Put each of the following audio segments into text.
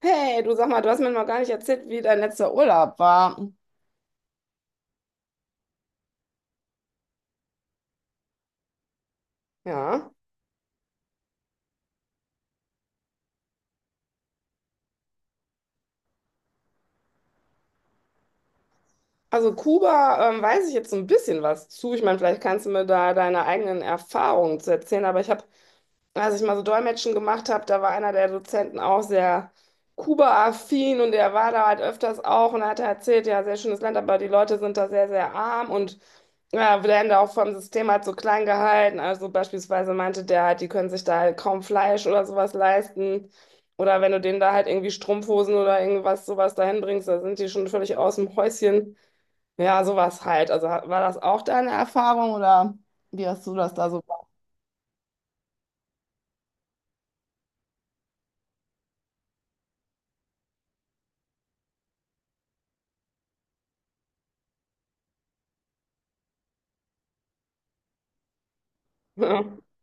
Hey, du sag mal, du hast mir noch gar nicht erzählt, wie dein letzter Urlaub war. Ja, also Kuba, weiß ich jetzt so ein bisschen was zu. Ich meine, vielleicht kannst du mir da deine eigenen Erfahrungen zu erzählen, aber ich habe als ich mal so Dolmetschen gemacht habe, da war einer der Dozenten auch sehr Kuba-affin und er war da halt öfters auch und hat erzählt, ja, sehr schönes Land, aber die Leute sind da sehr, sehr arm und ja, werden da auch vom System halt so klein gehalten. Also beispielsweise meinte der halt, die können sich da halt kaum Fleisch oder sowas leisten. Oder wenn du denen da halt irgendwie Strumpfhosen oder irgendwas sowas dahin bringst, da sind die schon völlig aus dem Häuschen. Ja, sowas halt. Also war das auch deine Erfahrung oder wie hast du das da so?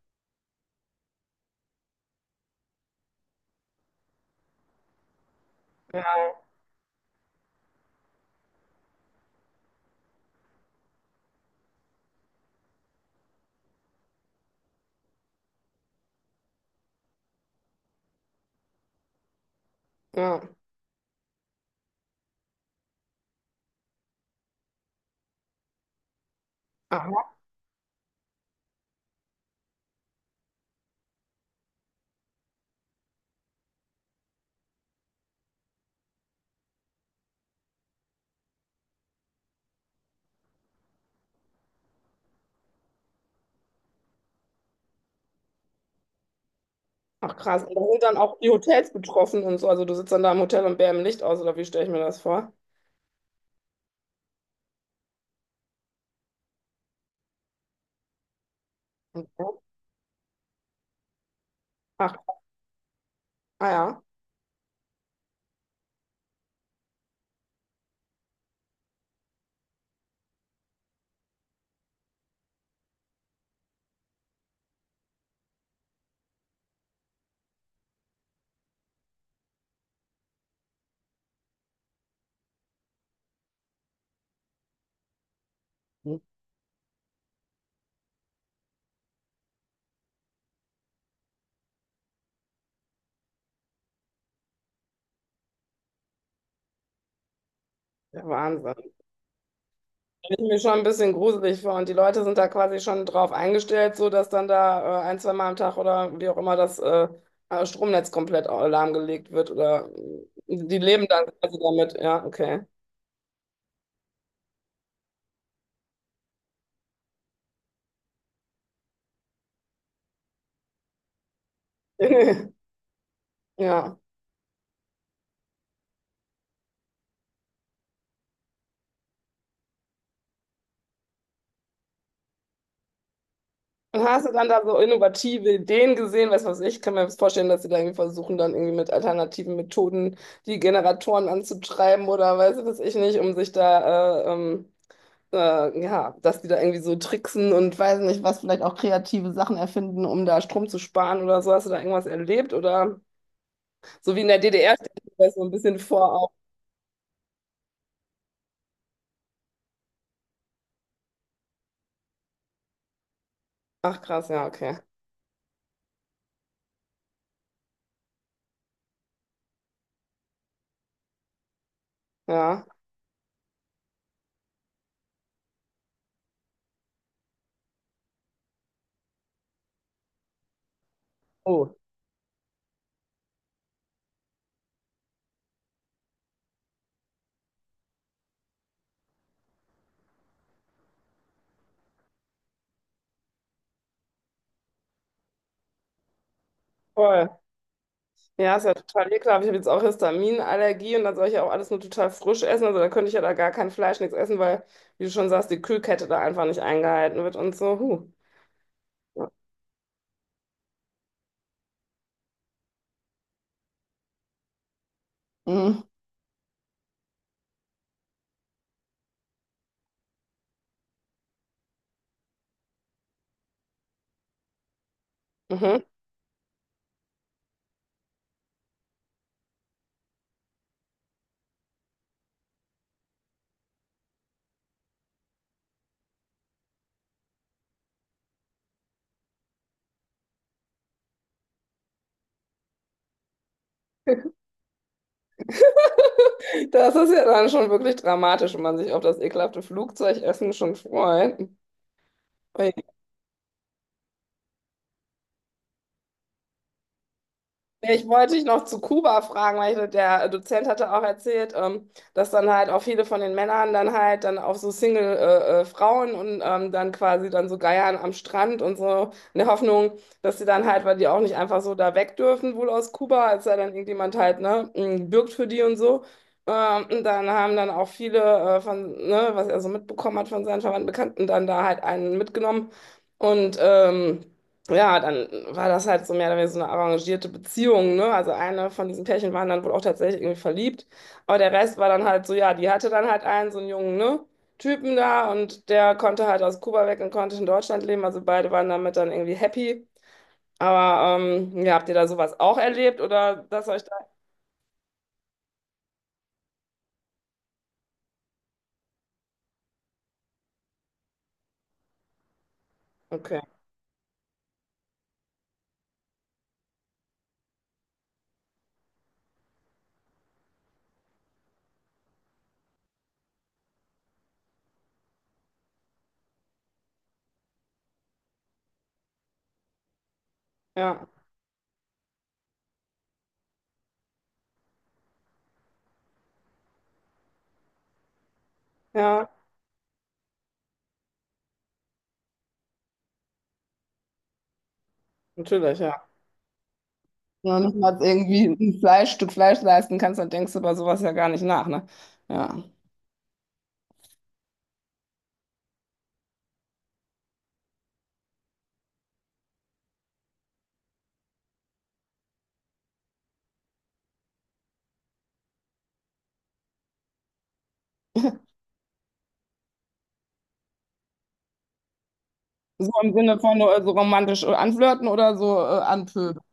Ja, ja. Ach krass, und da sind dann auch die Hotels betroffen und so. Also du sitzt dann da im Hotel und bär im Licht aus, oder wie stelle ich mir das vor? Und- Ach, ah ja. Hm. Der Wahnsinn. Stelle ich mir schon ein bisschen gruselig vor. Und die Leute sind da quasi schon drauf eingestellt, so dass dann da ein, zwei Mal am Tag oder wie auch immer das Stromnetz komplett lahmgelegt wird. Oder die leben dann quasi damit. Ja, okay. Ja. Und hast du dann da so innovative Ideen gesehen? Weißt du was ich? Ich kann mir vorstellen, dass sie da irgendwie versuchen, dann irgendwie mit alternativen Methoden die Generatoren anzutreiben oder weiß du was ich nicht, um sich da, ja, dass die da irgendwie so tricksen und weiß nicht, was vielleicht auch kreative Sachen erfinden, um da Strom zu sparen oder so. Hast du da irgendwas erlebt? Oder so wie in der DDR stelle ich mir das so ein bisschen vor, auch. Ach krass, ja, okay. Ja. Oh, voll. Ja, ist ja total ekelhaft. Ich habe jetzt auch Histaminallergie und dann soll ich ja auch alles nur total frisch essen. Also da könnte ich ja da gar kein Fleisch, nichts essen, weil, wie du schon sagst, die Kühlkette da einfach nicht eingehalten wird und so. Huh. Ja. Mhm. Mhm. Das ist ja dann schon wirklich dramatisch, wenn man sich auf das ekelhafte Flugzeugessen schon freut. Ja, ich wollte dich noch zu Kuba fragen, weil ich, der Dozent hatte auch erzählt, dass dann halt auch viele von den Männern dann halt dann auf so Single, Frauen und dann quasi dann so geiern am Strand und so in der Hoffnung, dass sie dann halt, weil die auch nicht einfach so da weg dürfen, wohl aus Kuba, als sei dann irgendjemand halt, ne, bürgt für die und so. Und dann haben dann auch viele von, ne, was er so mitbekommen hat von seinen Verwandten, Bekannten, dann da halt einen mitgenommen und ja, dann war das halt so mehr oder weniger so eine arrangierte Beziehung, ne? Also eine von diesen Pärchen waren dann wohl auch tatsächlich irgendwie verliebt, aber der Rest war dann halt so, ja, die hatte dann halt einen, so einen jungen, ne? Typen da und der konnte halt aus Kuba weg und konnte in Deutschland leben, also beide waren damit dann irgendwie happy. Aber ja, habt ihr da sowas auch erlebt oder das euch da? Okay, ja, ja, natürlich, ja. Wenn du nicht mal irgendwie ein Fleisch, Stück Fleisch leisten kannst, dann denkst du über sowas ja gar nicht nach, ne? Ja. So im Sinne von nur so romantisch anflirten oder so anpöbeln.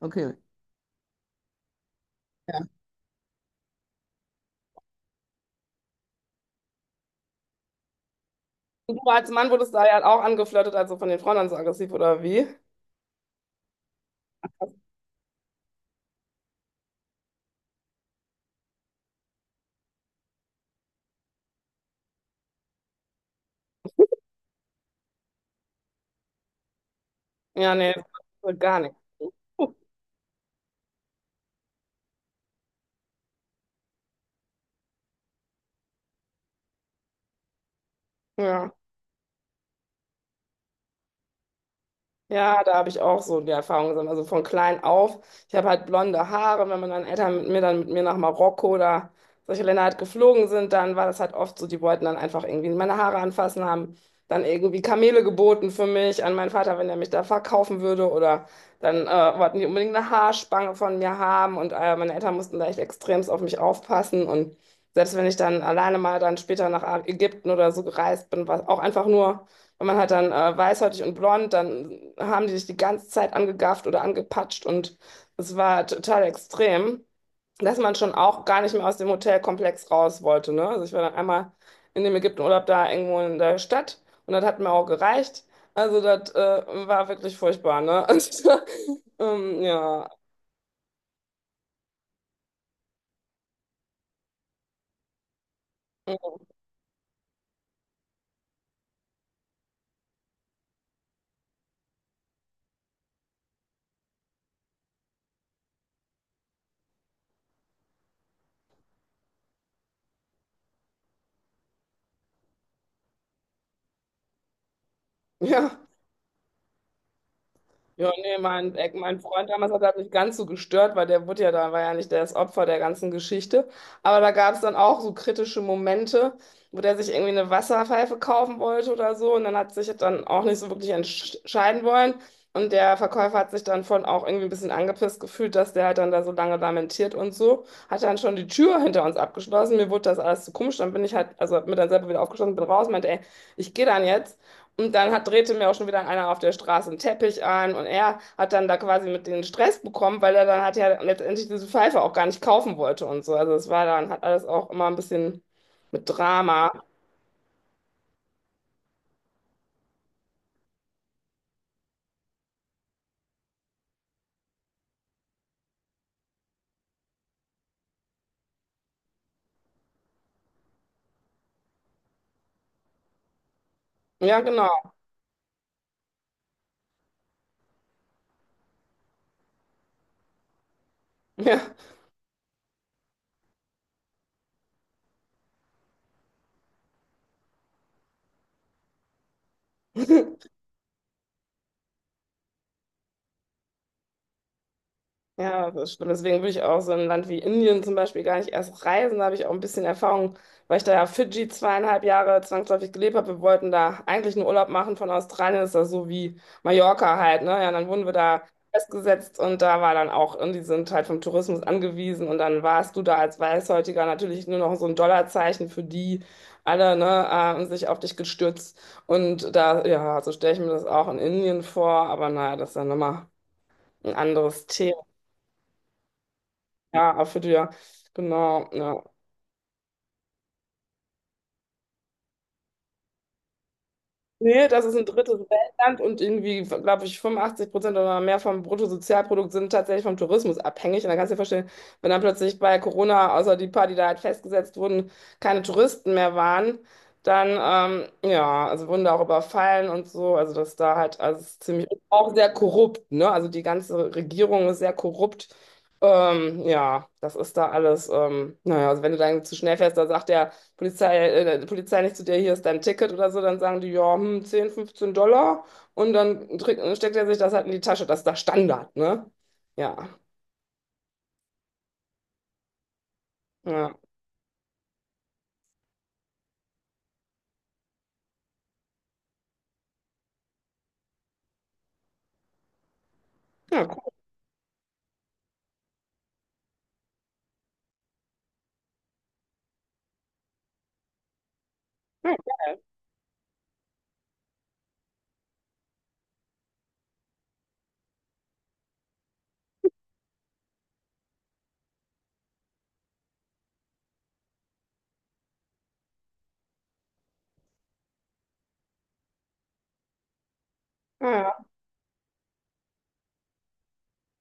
Okay. Ja. Und du als Mann wurdest da ja auch angeflirtet, also von den Frauen dann so aggressiv oder wie? Ja, nee, das war gar nicht. Ja. Ja, da habe ich auch so die Erfahrung gesammelt. Also von klein auf. Ich habe halt blonde Haare. Wenn meine Eltern mit mir dann mit mir nach Marokko oder solche Länder halt geflogen sind, dann war das halt oft so, die wollten dann einfach irgendwie meine Haare anfassen, haben dann irgendwie Kamele geboten für mich an meinen Vater, wenn er mich da verkaufen würde. Oder dann wollten die unbedingt eine Haarspange von mir haben. Und meine Eltern mussten da echt extremst auf mich aufpassen. Und selbst wenn ich dann alleine mal dann später nach Ägypten oder so gereist bin, war es auch einfach nur. Und man hat dann weißhäutig und blond, dann haben die dich die ganze Zeit angegafft oder angepatscht und es war total extrem, dass man schon auch gar nicht mehr aus dem Hotelkomplex raus wollte, ne? Also ich war dann einmal in dem Ägyptenurlaub da irgendwo in der Stadt und das hat mir auch gereicht. Also das war wirklich furchtbar, ne? Und, ja, ja. Ja, nee, mein Freund damals hat das nicht ganz so gestört, weil der wurde ja da, war ja nicht das Opfer der ganzen Geschichte. Aber da gab es dann auch so kritische Momente, wo der sich irgendwie eine Wasserpfeife kaufen wollte oder so. Und dann hat sich das dann auch nicht so wirklich entscheiden wollen. Und der Verkäufer hat sich dann von auch irgendwie ein bisschen angepisst gefühlt, dass der halt dann da so lange lamentiert und so. Hat dann schon die Tür hinter uns abgeschlossen. Mir wurde das alles zu komisch. Dann bin ich halt, also hab mir dann selber wieder aufgeschlossen, bin raus, meinte, ey, ich gehe dann jetzt. Und dann hat, drehte mir auch schon wieder einer auf der Straße einen Teppich an und er hat dann da quasi mit den Stress bekommen, weil er dann hat ja letztendlich diese Pfeife auch gar nicht kaufen wollte und so. Also es war dann, hat alles auch immer ein bisschen mit Drama. Ja, genau. Ja. Ja, das stimmt. Deswegen würde ich auch so ein Land wie Indien zum Beispiel gar nicht erst reisen. Da habe ich auch ein bisschen Erfahrung, weil ich da ja Fidschi zweieinhalb Jahre zwangsläufig gelebt habe. Wir wollten da eigentlich einen Urlaub machen von Australien. Das ist das so wie Mallorca halt, ne? Ja, dann wurden wir da festgesetzt und da war dann auch, und die sind halt vom Tourismus angewiesen und dann warst du da als Weißhäutiger natürlich nur noch so ein Dollarzeichen für die alle, ne, haben sich auf dich gestürzt. Und da, ja, so stelle ich mir das auch in Indien vor, aber naja, das ist ja nochmal ein anderes Thema. Ja, Apfeljahr, genau, ja. Nee, das ist ein drittes Weltland und irgendwie, glaube ich, 85% oder mehr vom Bruttosozialprodukt sind tatsächlich vom Tourismus abhängig. Und dann kannst du dir vorstellen, wenn dann plötzlich bei Corona, außer die paar, die da halt festgesetzt wurden, keine Touristen mehr waren, dann, ja, also wurden da auch überfallen und so. Also das da halt, also es ist ziemlich, auch sehr korrupt, ne? Also die ganze Regierung ist sehr korrupt. Ja, das ist da alles, naja, also wenn du dann zu schnell fährst, da sagt der, Polizei, die Polizei nicht zu dir, hier ist dein Ticket oder so, dann sagen die, ja, 10, 15 Dollar und dann steckt er sich das halt in die Tasche. Das ist der Standard, ne? Ja, ja, ja, cool. Ja, ja,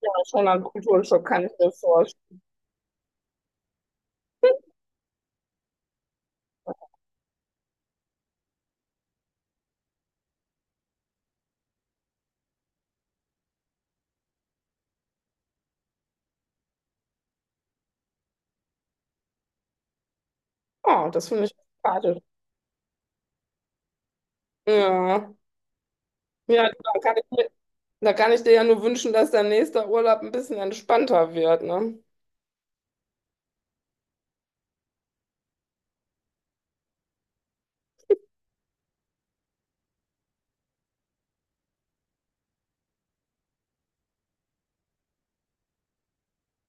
ja, schon ein Kulturschock, kann ich mir vorstellen. Oh, das finde ich sympathisch. Ja, ja, du, dann kann ich mir, da kann ich dir ja nur wünschen, dass dein nächster Urlaub ein bisschen entspannter wird, ne?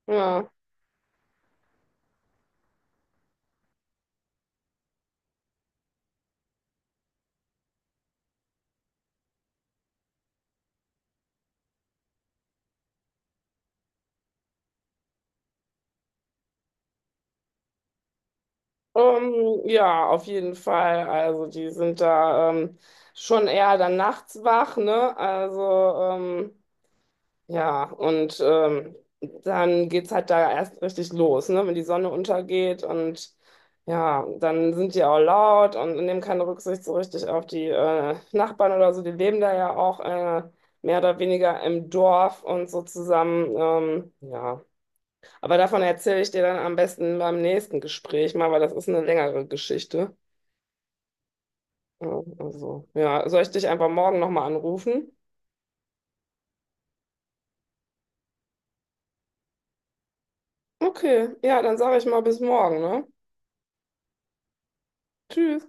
Ja. Ja, auf jeden Fall. Also die sind da schon eher dann nachts wach, ne? Also ähm, ja, und dann geht's halt da erst richtig los, ne? Wenn die Sonne untergeht und ja, dann sind die auch laut und nehmen keine Rücksicht so richtig auf die Nachbarn oder so. Die leben da ja auch mehr oder weniger im Dorf und so zusammen. Ja. Aber davon erzähle ich dir dann am besten beim nächsten Gespräch mal, weil das ist eine längere Geschichte. Ja, also, ja, soll ich dich einfach morgen nochmal anrufen? Okay, ja, dann sage ich mal bis morgen, ne? Tschüss.